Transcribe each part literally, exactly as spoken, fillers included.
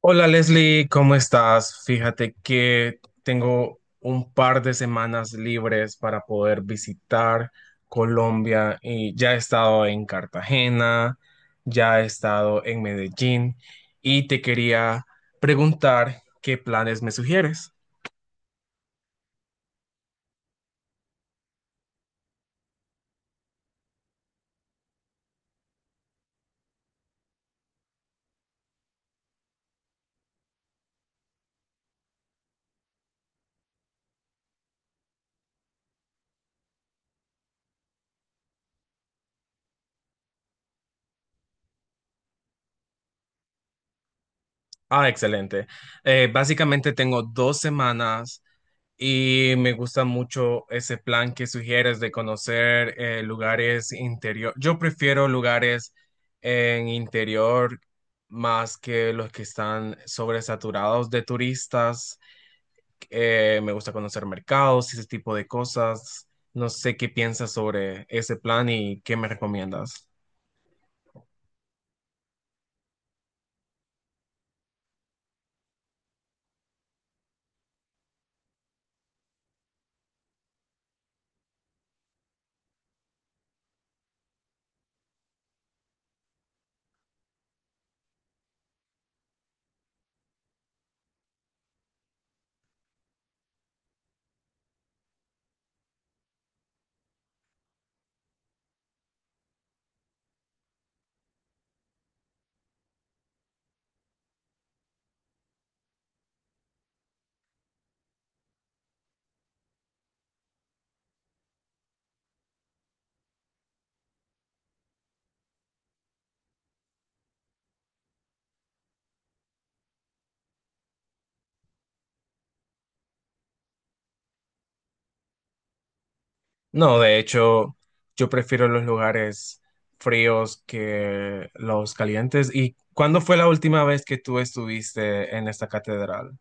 Hola Leslie, ¿cómo estás? Fíjate que tengo un par de semanas libres para poder visitar Colombia y ya he estado en Cartagena, ya he estado en Medellín y te quería preguntar qué planes me sugieres. Ah, excelente. Eh, básicamente tengo dos semanas y me gusta mucho ese plan que sugieres de conocer eh, lugares interior. Yo prefiero lugares en interior más que los que están sobresaturados de turistas. Eh, me gusta conocer mercados y ese tipo de cosas. No sé qué piensas sobre ese plan y qué me recomiendas. No, de hecho, yo prefiero los lugares fríos que los calientes. ¿Y cuándo fue la última vez que tú estuviste en esta catedral?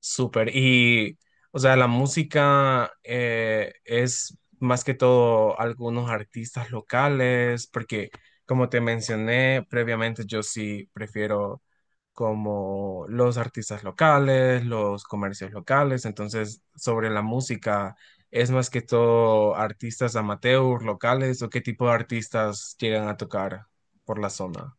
Súper. Y, o sea, la música eh, es más que todo algunos artistas locales, porque como te mencioné previamente, yo sí prefiero como los artistas locales, los comercios locales. Entonces, sobre la música, ¿es más que todo artistas amateurs locales o qué tipo de artistas llegan a tocar por la zona?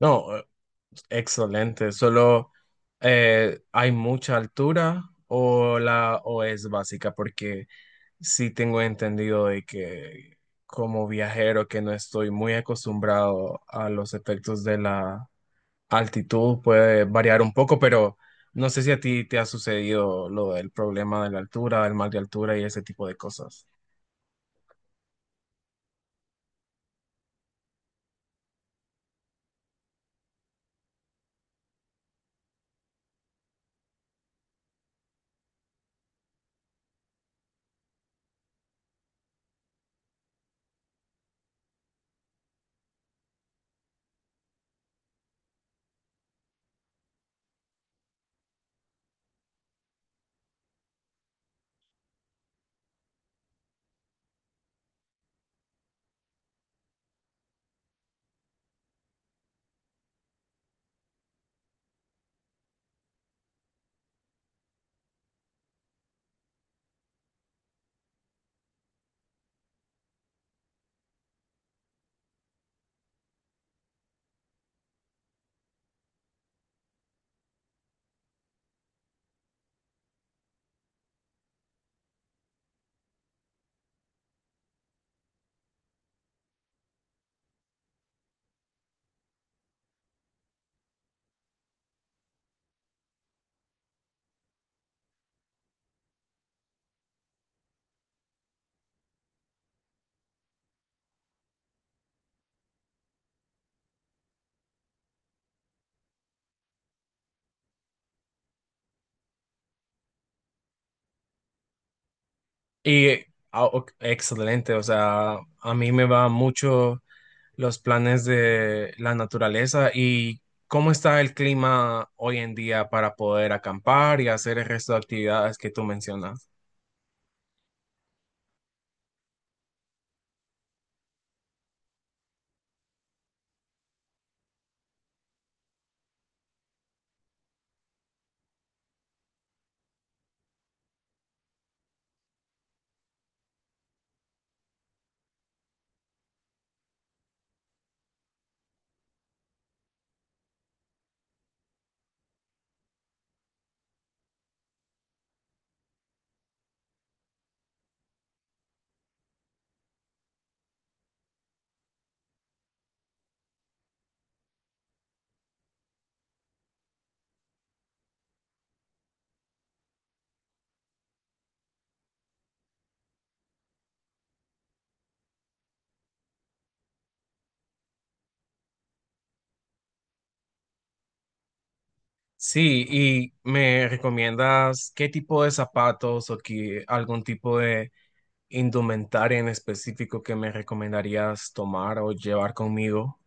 No, eh, excelente. Solo eh, hay mucha altura o la o es básica porque sí tengo entendido de que como viajero que no estoy muy acostumbrado a los efectos de la altitud puede variar un poco, pero no sé si a ti te ha sucedido lo del problema de la altura, del mal de altura y ese tipo de cosas. Y ah, ok, excelente, o sea, a mí me va mucho los planes de la naturaleza y cómo está el clima hoy en día para poder acampar y hacer el resto de actividades que tú mencionas. Sí, y me recomiendas qué tipo de zapatos o qué- algún tipo de indumentaria en específico que me recomendarías tomar o llevar conmigo.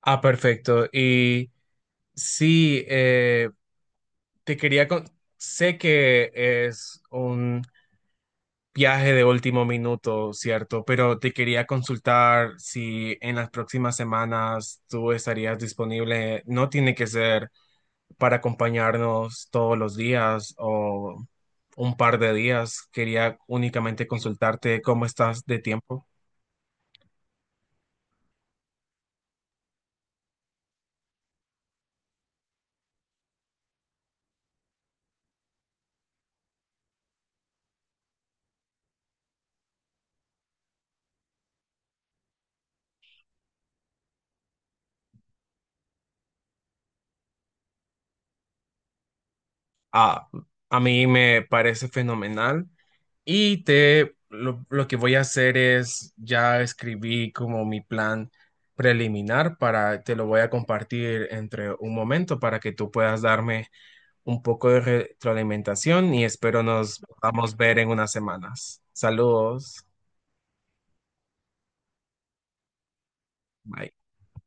Ah, perfecto. Y sí, eh, te quería con- sé que es un viaje de último minuto, ¿cierto? Pero te quería consultar si en las próximas semanas tú estarías disponible. No tiene que ser para acompañarnos todos los días o un par de días. Quería únicamente consultarte cómo estás de tiempo. Ah, a mí me parece fenomenal y te lo, lo que voy a hacer es ya escribí como mi plan preliminar para te lo voy a compartir entre un momento para que tú puedas darme un poco de retroalimentación y espero nos podamos ver en unas semanas. Saludos. Bye.